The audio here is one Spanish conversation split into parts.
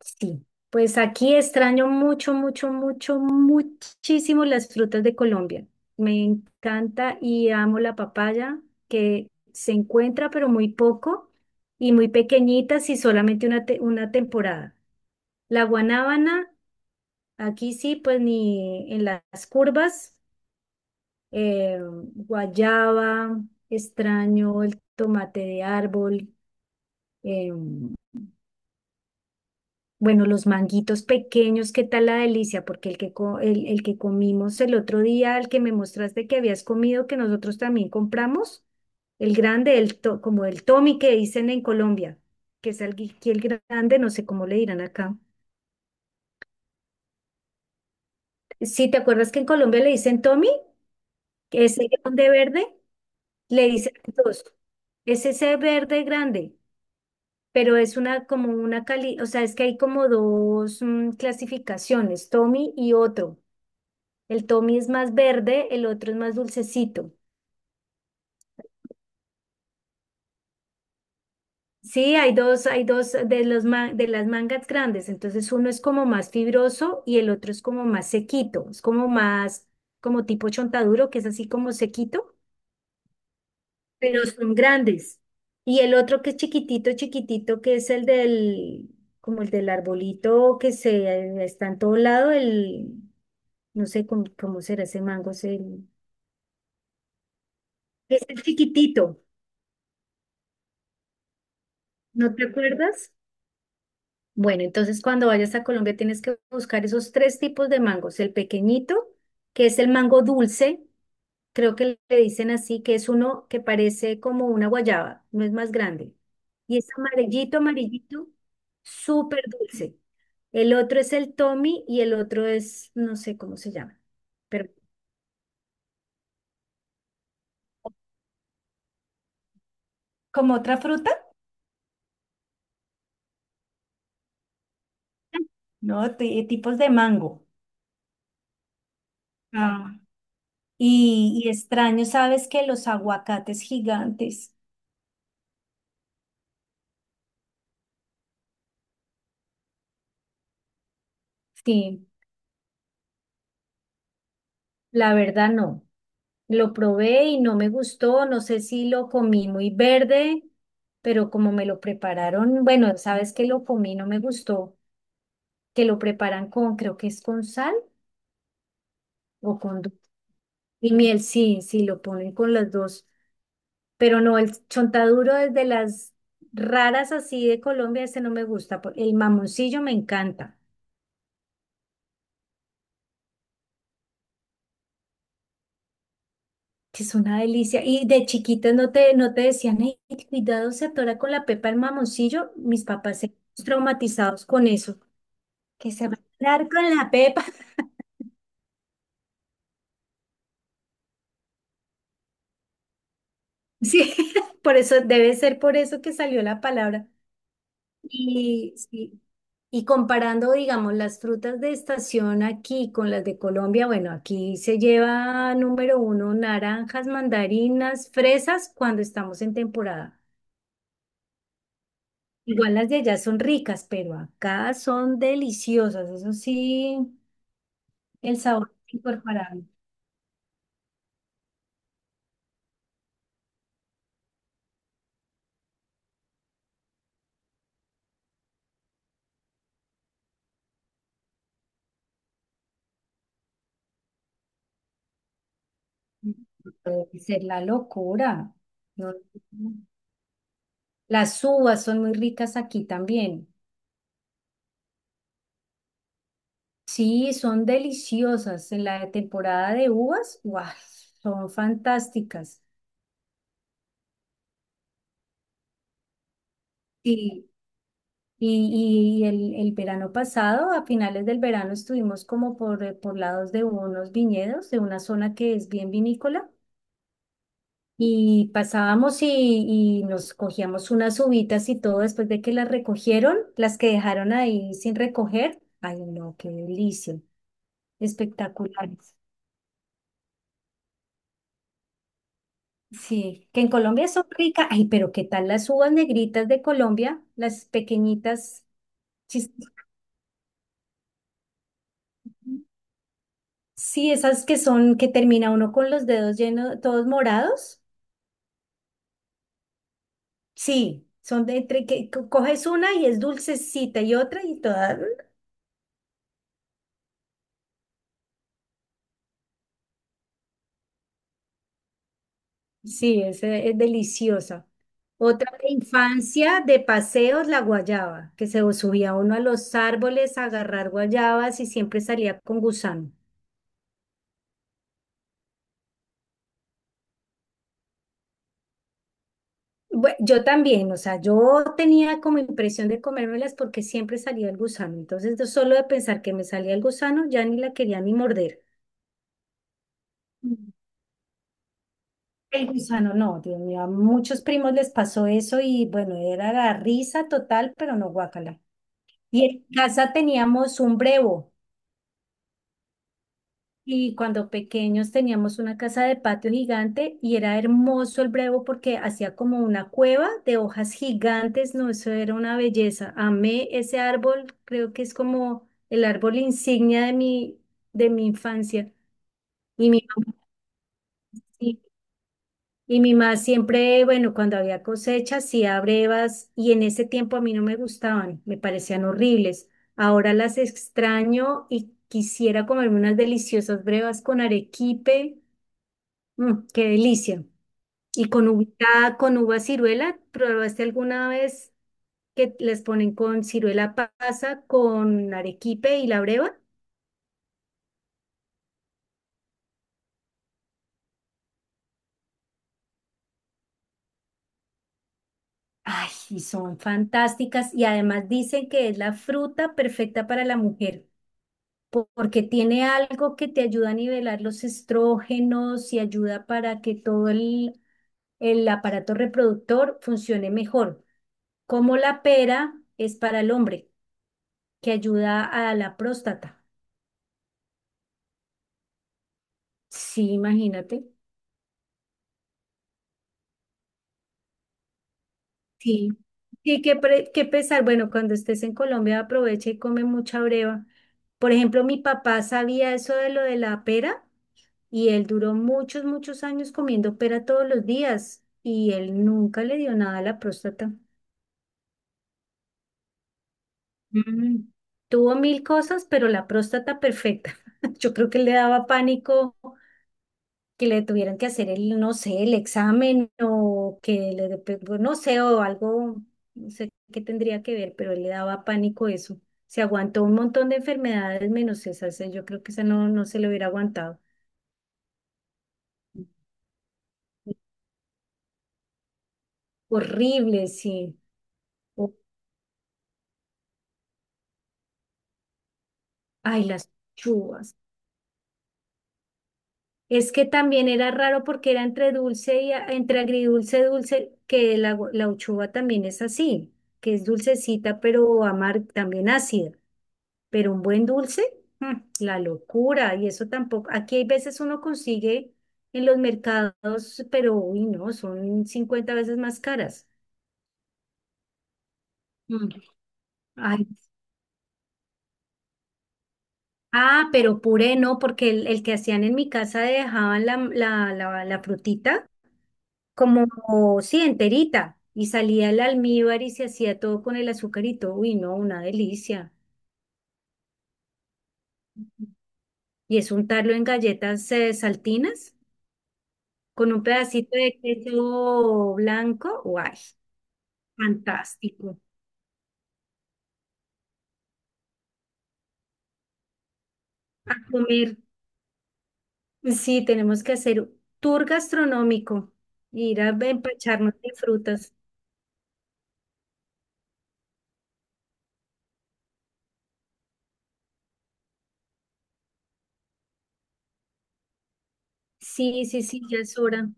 Sí, pues aquí extraño mucho, mucho, mucho, muchísimo las frutas de Colombia. Me encanta y amo la papaya, que se encuentra pero muy poco y muy pequeñitas y solamente una, una temporada. La guanábana, aquí sí, pues ni en las curvas, eh, guayaba, extraño el tomate de árbol. em, Bueno, los manguitos pequeños, ¿qué tal la delicia? Porque el que, el que comimos el otro día, el que me mostraste que habías comido, que nosotros también compramos, el grande, como el Tommy que dicen en Colombia, que es el grande, no sé cómo le dirán acá. Sí, ¿te acuerdas que en Colombia le dicen Tommy? Que es grande verde, le dicen dos. Es ese verde grande, pero es una como una cali, o sea, es que hay como dos clasificaciones, Tommy y otro. El Tommy es más verde, el otro es más dulcecito. Sí, hay dos de los de las mangas grandes, entonces uno es como más fibroso y el otro es como más sequito, es como más, como tipo chontaduro, que es así como sequito, pero son grandes. Y el otro que es chiquitito, chiquitito, que es el del, como el del arbolito que se está en todo lado, el, no sé cómo será ese mango, es el, chiquitito, ¿no te acuerdas? Bueno, entonces cuando vayas a Colombia tienes que buscar esos tres tipos de mangos. El pequeñito, que es el mango dulce, creo que le dicen así, que es uno que parece como una guayaba, no es más grande. Y es amarillito, amarillito, súper dulce. El otro es el Tommy y el otro es, no sé cómo se llama, pero ¿Como otra fruta? No, tipos de mango. Ah. Y extraño, ¿sabes que los aguacates gigantes? Sí. La verdad no. Lo probé y no me gustó. No sé si lo comí muy verde, pero como me lo prepararon, bueno, sabes que lo comí, no me gustó, que lo preparan con, creo que es con sal o con y miel, sí, sí, lo ponen con las dos. Pero no, el chontaduro es de las raras así de Colombia, ese no me gusta. El mamoncillo me encanta, que es una delicia. Y de chiquita no te decían, ay, cuidado, se atora con la pepa el mamoncillo. Mis papás se traumatizados con eso, que se va a atorar con la pepa. Sí, por eso debe ser por eso que salió la palabra. Y, sí, y comparando, digamos, las frutas de estación aquí con las de Colombia, bueno, aquí se lleva número uno naranjas, mandarinas, fresas cuando estamos en temporada. Igual las de allá son ricas, pero acá son deliciosas. Eso sí, el sabor es incorporable. Puede ser la locura, ¿no? Las uvas son muy ricas aquí también. Sí, son deliciosas. En la temporada de uvas, ¡guau! Son fantásticas. Sí, y el verano pasado, a finales del verano, estuvimos como por lados de unos viñedos, de una zona que es bien vinícola. Y pasábamos y nos cogíamos unas uvitas y todo después de que las recogieron, las que dejaron ahí sin recoger. Ay, no, qué delicia. Espectaculares. Sí, que en Colombia son ricas. Ay, pero ¿qué tal las uvas negritas de Colombia? Las pequeñitas. chis- Sí, esas que son, que termina uno con los dedos llenos, todos morados. Sí, son de entre que coges una y es dulcecita y otra y todas. Sí, es deliciosa. Otra de infancia de paseos, la guayaba, que se subía uno a los árboles a agarrar guayabas y siempre salía con gusano. Yo también, o sea, yo tenía como impresión de comérmelas porque siempre salía el gusano. Entonces, yo solo de pensar que me salía el gusano, ya ni la quería ni morder. Mm. El gusano, no, Dios mío, a muchos primos les pasó eso y bueno, era la risa total, pero no guácala. Y en casa teníamos un brevo. Y cuando pequeños teníamos una casa de patio gigante y era hermoso el brevo porque hacía como una cueva de hojas gigantes, no, eso era una belleza. Amé ese árbol, creo que es como el árbol insignia de mi infancia. Y mi mamá, sí- y mi mamá siempre, bueno, cuando había cosecha, hacía brevas y en ese tiempo a mí no me gustaban, me parecían horribles. Ahora las extraño y quisiera comerme unas deliciosas brevas con arequipe. Mm, qué delicia. ¿Y con uva ciruela? ¿Probaste alguna vez que les ponen con ciruela pasa, con arequipe y la breva? Ay, y son fantásticas y además dicen que es la fruta perfecta para la mujer porque tiene algo que te ayuda a nivelar los estrógenos y ayuda para que todo el aparato reproductor funcione mejor. Como la pera es para el hombre, que ayuda a la próstata. Sí, imagínate. Sí. Sí, qué pesar. Bueno, cuando estés en Colombia aprovecha y come mucha breva. Por ejemplo, mi papá sabía eso de lo de la pera y él duró muchos, muchos años comiendo pera todos los días y él nunca le dio nada a la próstata. Mm. Tuvo mil cosas, pero la próstata perfecta. Yo creo que le daba pánico que le tuvieran que hacer el, no sé, el examen o que le, pues, no sé, o algo, no sé qué tendría que ver, pero él le daba pánico eso. Se aguantó un montón de enfermedades menos esa, o sea, yo creo que esa no, no se le hubiera aguantado. Horrible, sí. O- Ay, las chuvas. Es que también era raro porque era entre dulce y a- entre agridulce, dulce, que la uchuva también es así, que es dulcecita, pero amar también ácida. Pero un buen dulce, mm, la locura, y eso tampoco, aquí hay veces uno consigue en los mercados, pero uy, no, son 50 veces más caras. Mm. Ay, ah, pero puré no, porque el que hacían en mi casa dejaban la frutita como, sí, enterita, y salía el almíbar y se hacía todo con el azucarito. Uy, no, una delicia. Y es untarlo en galletas saltinas con un pedacito de queso blanco. Guay. Fantástico. A comer. Sí, tenemos que hacer tour gastronómico, ir a empacharnos de frutas. Sí, sí, sí, ya es hora.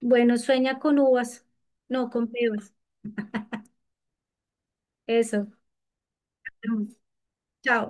Bueno, sueña con uvas, no con pebas. Eso. Chao.